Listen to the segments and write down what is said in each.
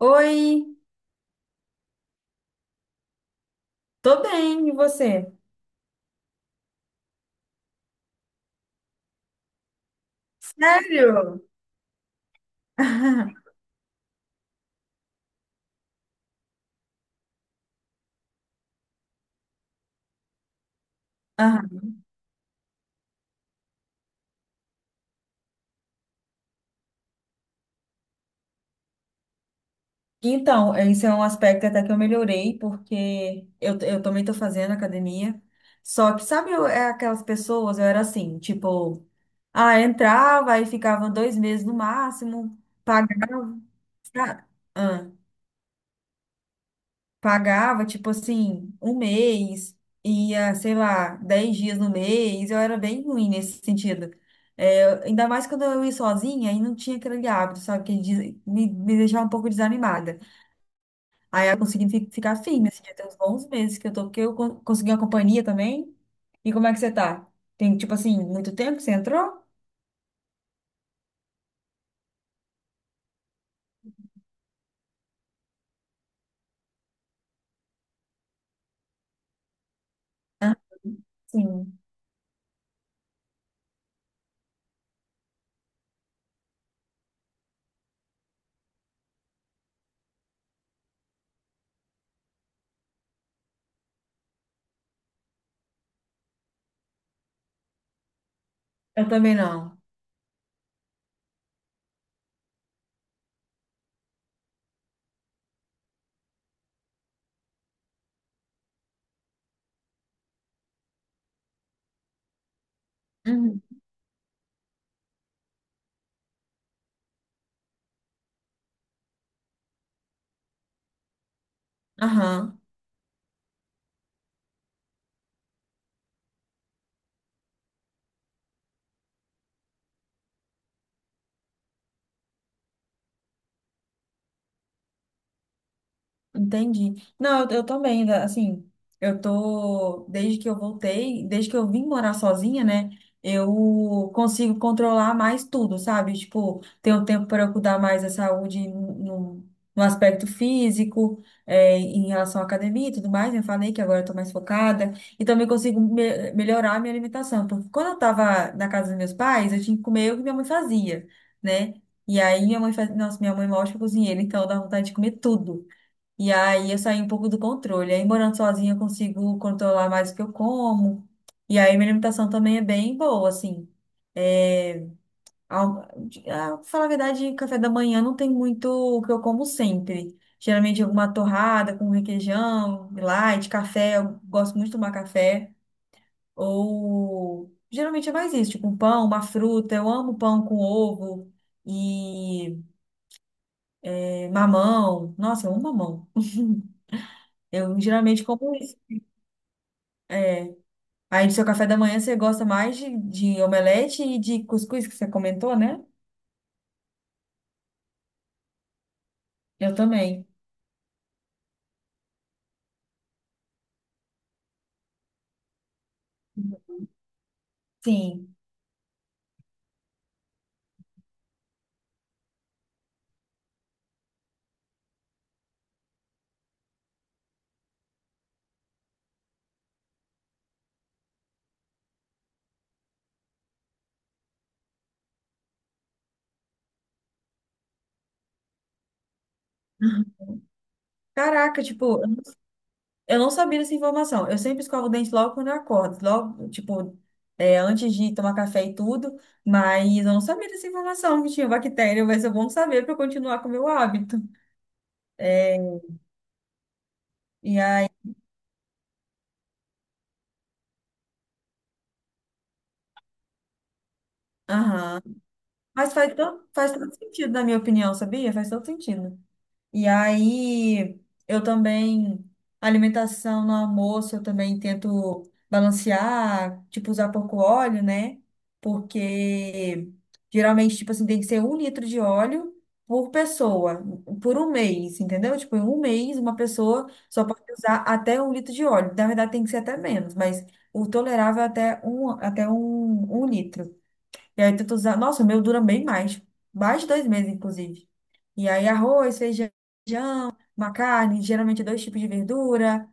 Oi, tô bem, e você? Sério? Ah, então, esse é um aspecto até que eu melhorei, porque eu também tô fazendo academia. Só que, sabe, é aquelas pessoas, eu era assim, tipo, ah, entrava e ficava 2 meses no máximo, pagava. Sabe? Ah. Pagava, tipo assim, 1 mês, ia, sei lá, 10 dias no mês, eu era bem ruim nesse sentido. É, ainda mais quando eu ia sozinha e não tinha aquele hábito, sabe, que me deixava um pouco desanimada. Aí eu consegui ficar firme, assim, até uns bons meses que eu tô, porque eu consegui uma companhia também. E como é que você tá? Tem, tipo assim, muito tempo que você entrou? Sim. Eu também não. Uhum. Aham. Entendi. Não, eu também, assim, eu tô, desde que eu voltei, desde que eu vim morar sozinha, né, eu consigo controlar mais tudo, sabe? Tipo, tenho tempo para eu cuidar mais da saúde no aspecto físico, é, em relação à academia e tudo mais, né? Eu falei que agora eu tô mais focada, e também consigo melhorar a minha alimentação, porque quando eu tava na casa dos meus pais, eu tinha que comer o que minha mãe fazia, né? E aí minha mãe fazia, nossa, minha mãe é uma ótima cozinheira, então dá vontade de comer tudo. E aí eu saí um pouco do controle. Aí morando sozinha eu consigo controlar mais o que eu como. E aí minha alimentação também é bem boa, assim. É, ah, pra falar a verdade, café da manhã não tem muito o que eu como sempre. Geralmente alguma torrada com requeijão, light, café. Eu gosto muito de tomar café. Ou geralmente é mais isso, tipo um pão, uma fruta. Eu amo pão com ovo e mamão. Nossa, eu amo mamão. Eu geralmente como isso. É. Aí, do seu café da manhã, você gosta mais de omelete e de cuscuz, que você comentou, né? Eu também. Sim. Caraca, tipo, eu não sabia dessa informação. Eu sempre escovo o dente logo quando eu acordo, logo, tipo, é, antes de tomar café e tudo, mas eu não sabia dessa informação que tinha bactéria, mas é bom saber para continuar com o meu hábito. É, e aí, aham. Mas faz todo sentido, na minha opinião, sabia? Faz todo sentido. E aí, eu também, alimentação no almoço, eu também tento balancear, tipo, usar pouco óleo, né? Porque geralmente, tipo assim, tem que ser 1 litro de óleo por pessoa, por 1 mês, entendeu? Tipo, em 1 mês, uma pessoa só pode usar até 1 litro de óleo. Na verdade, tem que ser até menos, mas o tolerável é 1 litro. E aí, tento usar. Nossa, o meu dura bem mais, mais de 2 meses, inclusive. E aí, arroz, feijão uma carne, geralmente dois tipos de verdura,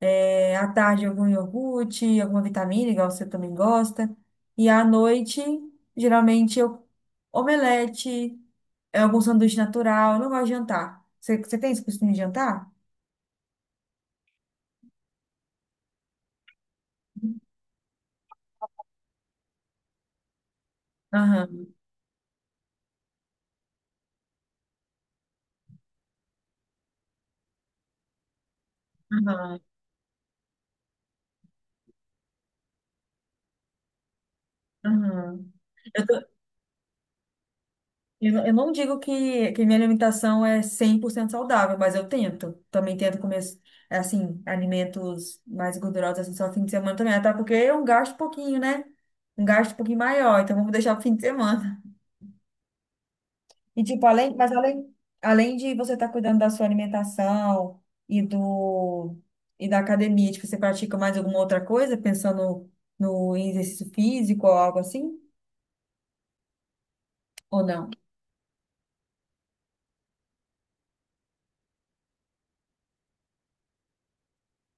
é, à tarde algum iogurte, alguma vitamina, igual você também gosta, e à noite, geralmente, omelete, é, algum sanduíche natural, eu não gosto de jantar. Você tem esse costume de jantar? Aham, aham, aham. Eu tô- eu não digo que minha alimentação é 100% saudável, mas eu tento. Também tento comer, assim, alimentos mais gordurosos, assim, só fim de semana também. Até porque eu gasto um pouquinho, né? Um gasto um pouquinho maior, então vamos deixar pro fim de semana. E, tipo, além de você estar cuidando da sua alimentação e do, e da academia, tipo, você pratica mais alguma outra coisa, pensando no em exercício físico ou algo assim? Ou não?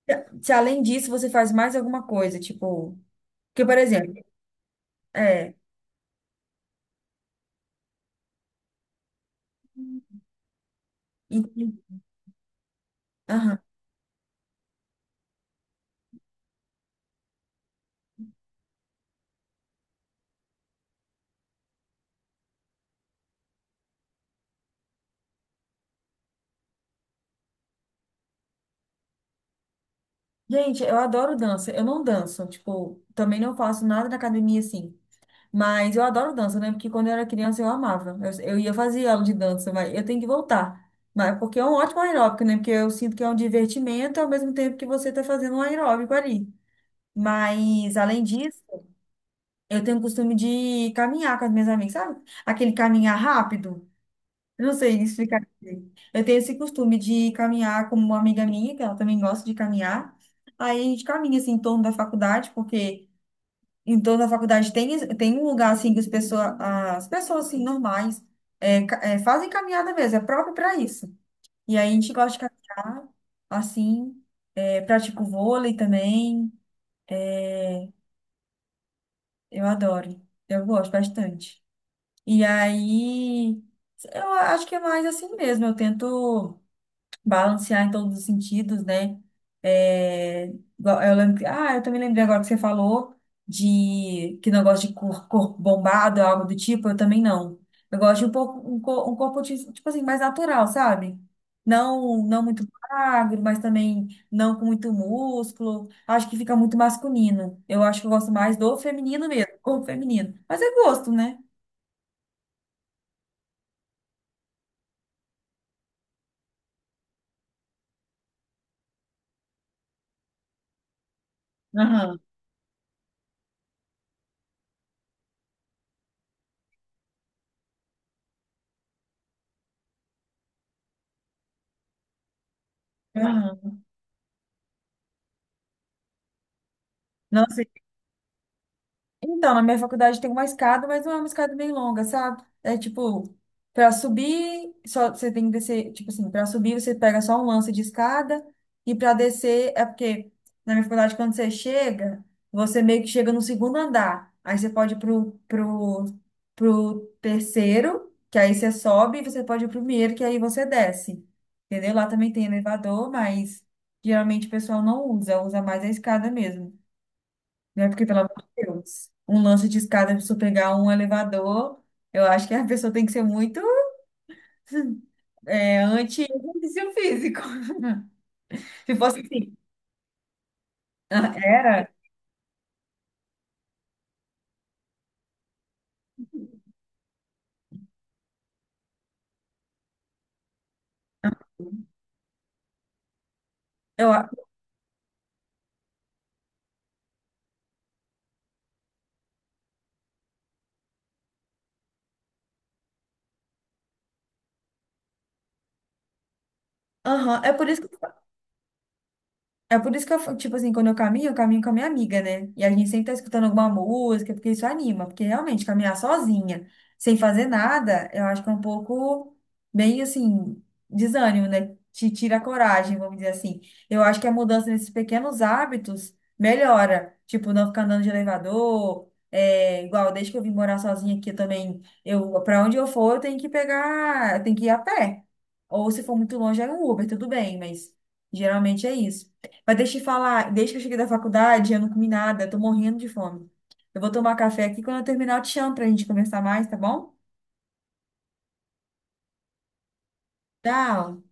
Se além disso você faz mais alguma coisa, tipo. Porque, por exemplo, é. Entendi. Aham. Gente, eu adoro dança. Eu não danço, tipo, também não faço nada na academia assim. Mas eu adoro dança, né? Porque quando eu era criança eu amava. Eu ia fazer aula de dança, mas eu tenho que voltar. Mas porque é um ótimo aeróbico, né? Porque eu sinto que é um divertimento ao mesmo tempo que você está fazendo um aeróbico ali. Mas, além disso, eu tenho o costume de caminhar com as minhas amigas, sabe? Aquele caminhar rápido. Eu não sei explicar direito. Eu tenho esse costume de caminhar como uma amiga minha, que ela também gosta de caminhar. Aí a gente caminha assim em torno da faculdade, porque em torno da faculdade tem um lugar assim que as pessoas assim normais é, fazem caminhada mesmo, é próprio para isso. E aí a gente gosta de caminhar assim, é, pratico vôlei também. é, Eu adoro. Eu gosto bastante. E aí, eu acho que é mais assim mesmo. Eu tento balancear em todos os sentidos, né? É, eu lembro, ah, eu também lembrei agora que você falou de que não gosta de corpo bombado, algo do tipo, eu também não. Eu gosto de um pouco um corpo tipo assim mais natural, sabe? Não, não muito magro, mas também não com muito músculo. Acho que fica muito masculino. Eu acho que eu gosto mais do feminino mesmo, corpo feminino. Mas é gosto, né? Aham, aham. Nossa, então, na minha faculdade tem uma escada, mas não é uma escada bem longa, sabe? É tipo, para subir, só você tem que descer, tipo assim, para subir você pega só um lance de escada e para descer é porque na minha faculdade quando você chega, você meio que chega no segundo andar. Aí você pode ir pro terceiro, que aí você sobe, e você pode ir pro primeiro, que aí você desce. Entendeu? Lá também tem elevador, mas geralmente o pessoal não usa, usa mais a escada mesmo, né? Porque, pelo amor de Deus, um lance de escada, se eu pegar um elevador, eu acho que a pessoa tem que ser muito anti-exercício físico. Se fosse assim, ah, era. Eu, a- aham. É por isso que eu, tipo assim, quando eu caminho com a minha amiga, né? E a gente sempre tá escutando alguma música, porque isso anima. Porque realmente, caminhar sozinha, sem fazer nada, eu acho que é um pouco, bem assim, desânimo, né? Te tira a coragem, vamos dizer assim. Eu acho que a mudança nesses pequenos hábitos melhora. Tipo, não ficar andando de elevador. É, igual, desde que eu vim morar sozinha aqui eu também, pra onde eu for, eu tenho que pegar, eu tenho que ir a pé. Ou se for muito longe, é um Uber, tudo bem, mas geralmente é isso. Mas deixa eu te falar, desde que eu cheguei da faculdade, eu não comi nada, eu tô morrendo de fome. Eu vou tomar café aqui, quando eu terminar eu te chamo pra gente conversar mais, tá bom? Tchau!